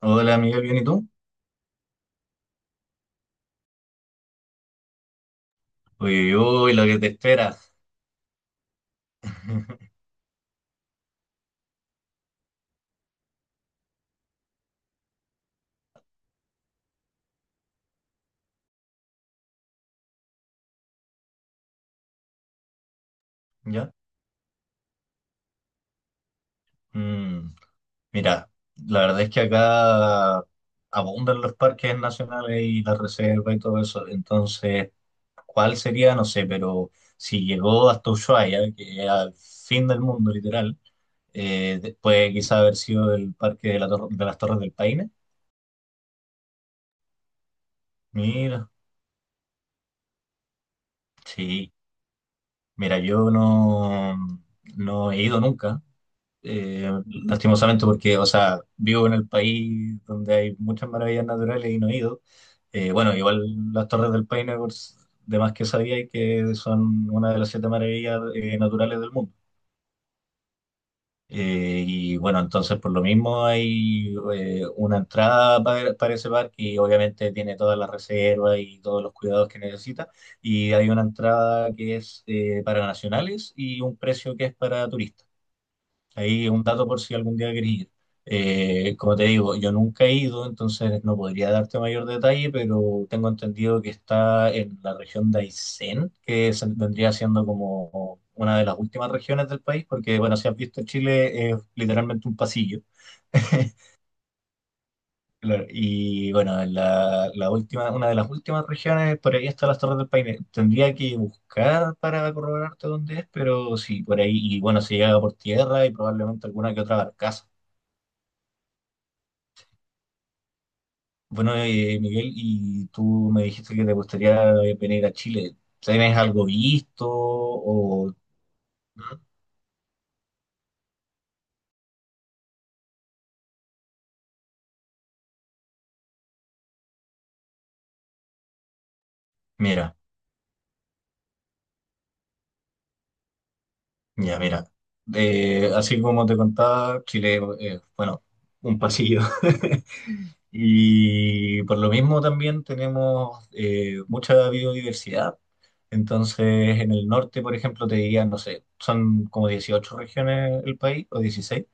Hola, amiga, ¿bien y tú? Uy, uy, uy, lo que te espera. ¿Ya? Mm, mira, la verdad es que acá abundan los parques nacionales y la reserva y todo eso. Entonces, ¿cuál sería? No sé, pero si llegó hasta Ushuaia, que es al fin del mundo, literal, puede quizá haber sido el parque de las Torres del Paine. Mira, sí. Mira, yo no, no he ido nunca. eh, Lastimosamente porque, o sea, vivo en el país donde hay muchas maravillas naturales y no he ido. Bueno, igual las Torres del Paine, de más que sabía, y que son una de las siete maravillas naturales del mundo. Y bueno, entonces por lo mismo hay una entrada para ese parque y obviamente tiene todas las reservas y todos los cuidados que necesita. Y hay una entrada que es para nacionales y un precio que es para turistas. Ahí es un dato por si algún día querés ir. Como te digo, yo nunca he ido, entonces no podría darte mayor detalle, pero tengo entendido que está en la región de Aysén, que vendría siendo como una de las últimas regiones del país, porque bueno, si has visto Chile es literalmente un pasillo. Claro, y bueno, la última, una de las últimas regiones, por ahí está las Torres del Paine. Tendría que buscar para corroborarte dónde es, pero sí, por ahí, y bueno, se llega por tierra y probablemente alguna que otra barcaza. Bueno, Miguel, y tú me dijiste que te gustaría venir a Chile. ¿Tienes algo visto? O... Mira, ya, mira. Así como te contaba, Chile, bueno, un pasillo. Y por lo mismo también tenemos mucha biodiversidad. Entonces, en el norte, por ejemplo, te dirían, no sé, son como 18 regiones el país, o 16.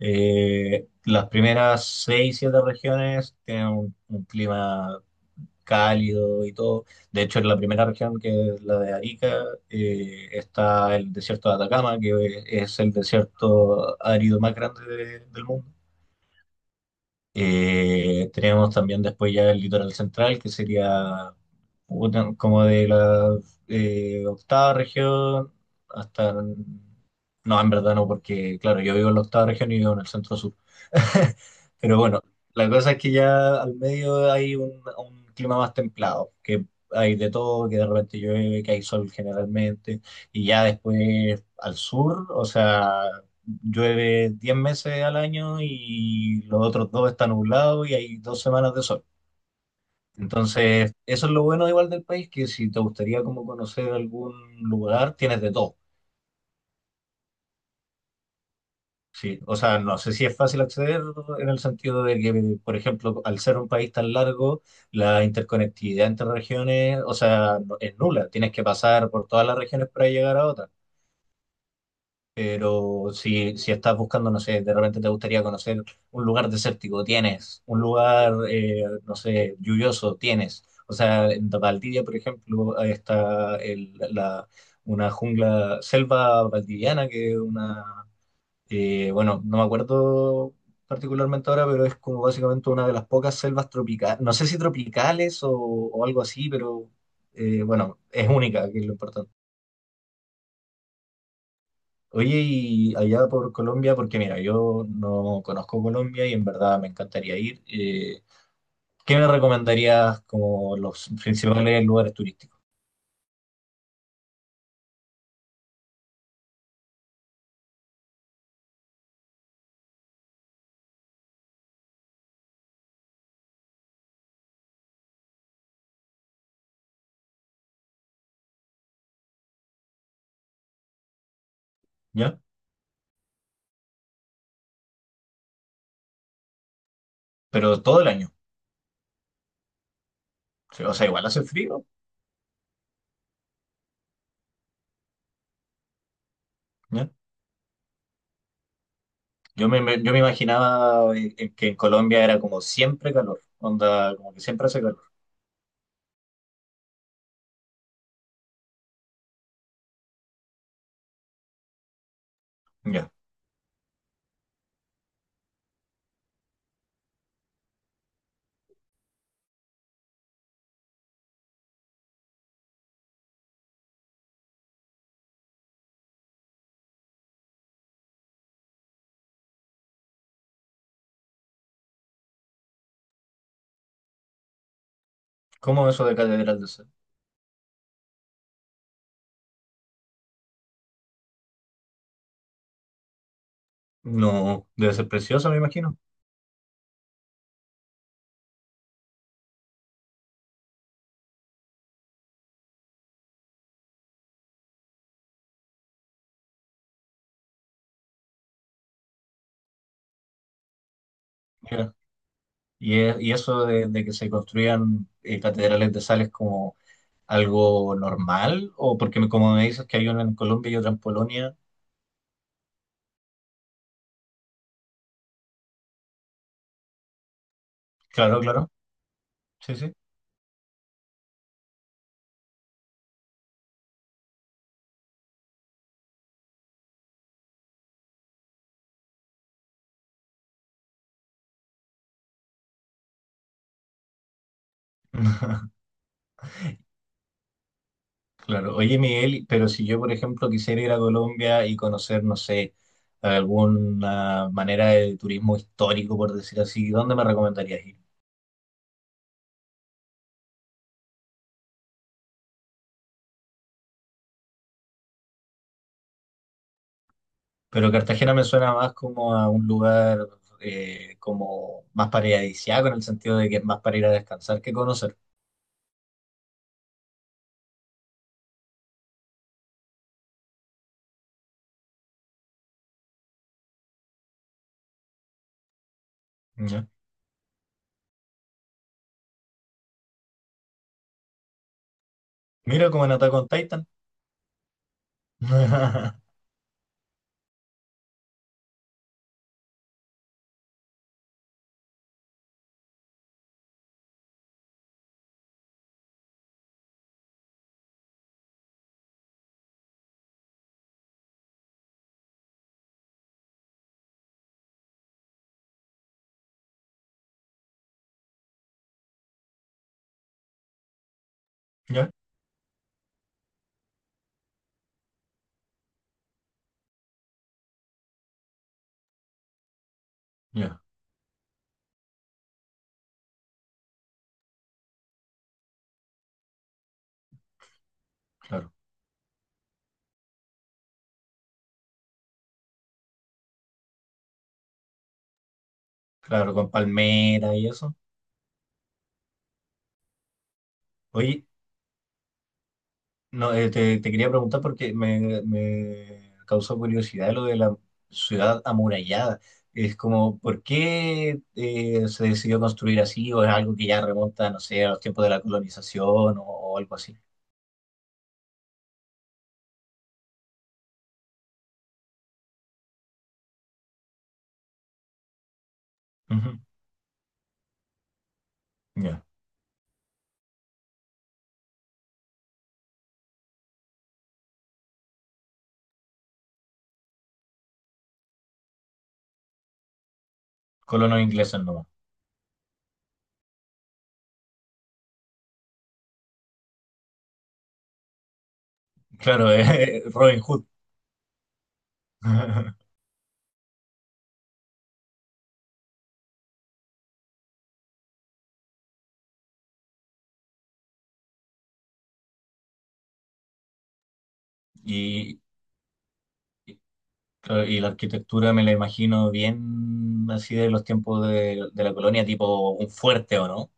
Las primeras 6 7 regiones tienen un clima cálido y todo. De hecho, en la primera región, que es la de Arica, está el desierto de Atacama, que es el desierto árido más grande del mundo. Tenemos también después ya el litoral central, que sería como de la octava región hasta... No, en verdad no, porque claro, yo vivo en la octava región y vivo en el centro sur. Pero bueno, la cosa es que ya al medio hay un clima más templado, que hay de todo, que de repente llueve, que hay sol generalmente, y ya después al sur, o sea llueve 10 meses al año y los otros dos están nublados y hay 2 semanas de sol. Entonces, eso es lo bueno igual del país, que si te gustaría como conocer algún lugar, tienes de todo. Sí, o sea, no sé si es fácil acceder en el sentido de que, por ejemplo, al ser un país tan largo, la interconectividad entre regiones, o sea, es nula. Tienes que pasar por todas las regiones para llegar a otra. Pero si, si estás buscando, no sé, de repente te gustaría conocer un lugar desértico, tienes, un lugar, no sé, lluvioso, tienes. O sea, en Valdivia, por ejemplo, ahí está la una jungla, selva valdiviana, que es una, bueno, no me acuerdo particularmente ahora, pero es como básicamente una de las pocas selvas tropicales, no sé si tropicales o algo así, pero bueno, es única, que es lo importante. Oye, y allá por Colombia, porque mira, yo no conozco Colombia y en verdad me encantaría ir. ¿Qué me recomendarías como los principales lugares turísticos? ¿Ya? Pero todo el año. O sea, igual hace frío, ¿ya? Yo me imaginaba que en Colombia era como siempre calor, onda, como que siempre hace calor. ¿Ya? ¿Cómo eso de Catedral de Sal? No, debe ser precioso, me imagino. ¿Ya? Y, y eso de que se construyan catedrales de sal es como algo normal, o porque como me dices que hay una en Colombia y otra en Polonia, claro, claro, sí, sí. Claro, oye Miguel, pero si yo, por ejemplo, quisiera ir a Colombia y conocer, no sé, alguna manera de turismo histórico, por decir así, ¿dónde me recomendarías ir? Pero Cartagena me suena más como a un lugar como más paradisíaco, en el sentido de que es más para ir a descansar que conocer. Ya. Mira como en Attack on Titan. Ya, ya, claro. Claro, con palmera y eso. Oye, no, te quería preguntar porque me causó curiosidad lo de la ciudad amurallada. Es como, ¿por qué se decidió construir así? ¿O es algo que ya remonta, no sé, a los tiempos de la colonización o algo así? Ujú, ya, colonos ingleses nomás. Claro, Robin Hood. Y, y claro, y la arquitectura me la imagino bien así de los tiempos de la colonia, tipo un fuerte, ¿o no?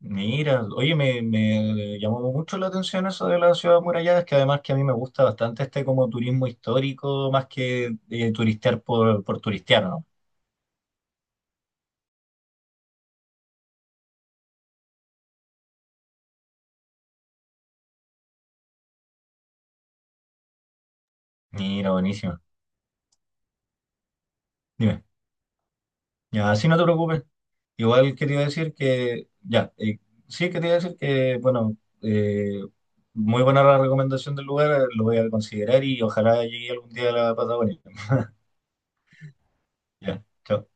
Mira, oye, me llamó mucho la atención eso de la ciudad amurallada, es que además que a mí me gusta bastante este como turismo histórico, más que turistear por turistear, ¿no? Mira, buenísimo. Dime, ya, así no te preocupes. Igual quería decir que, ya, sí quería decir que, bueno, eh, muy buena la recomendación del lugar, lo voy a considerar y ojalá llegue algún día a la Patagonia. Ya, chao.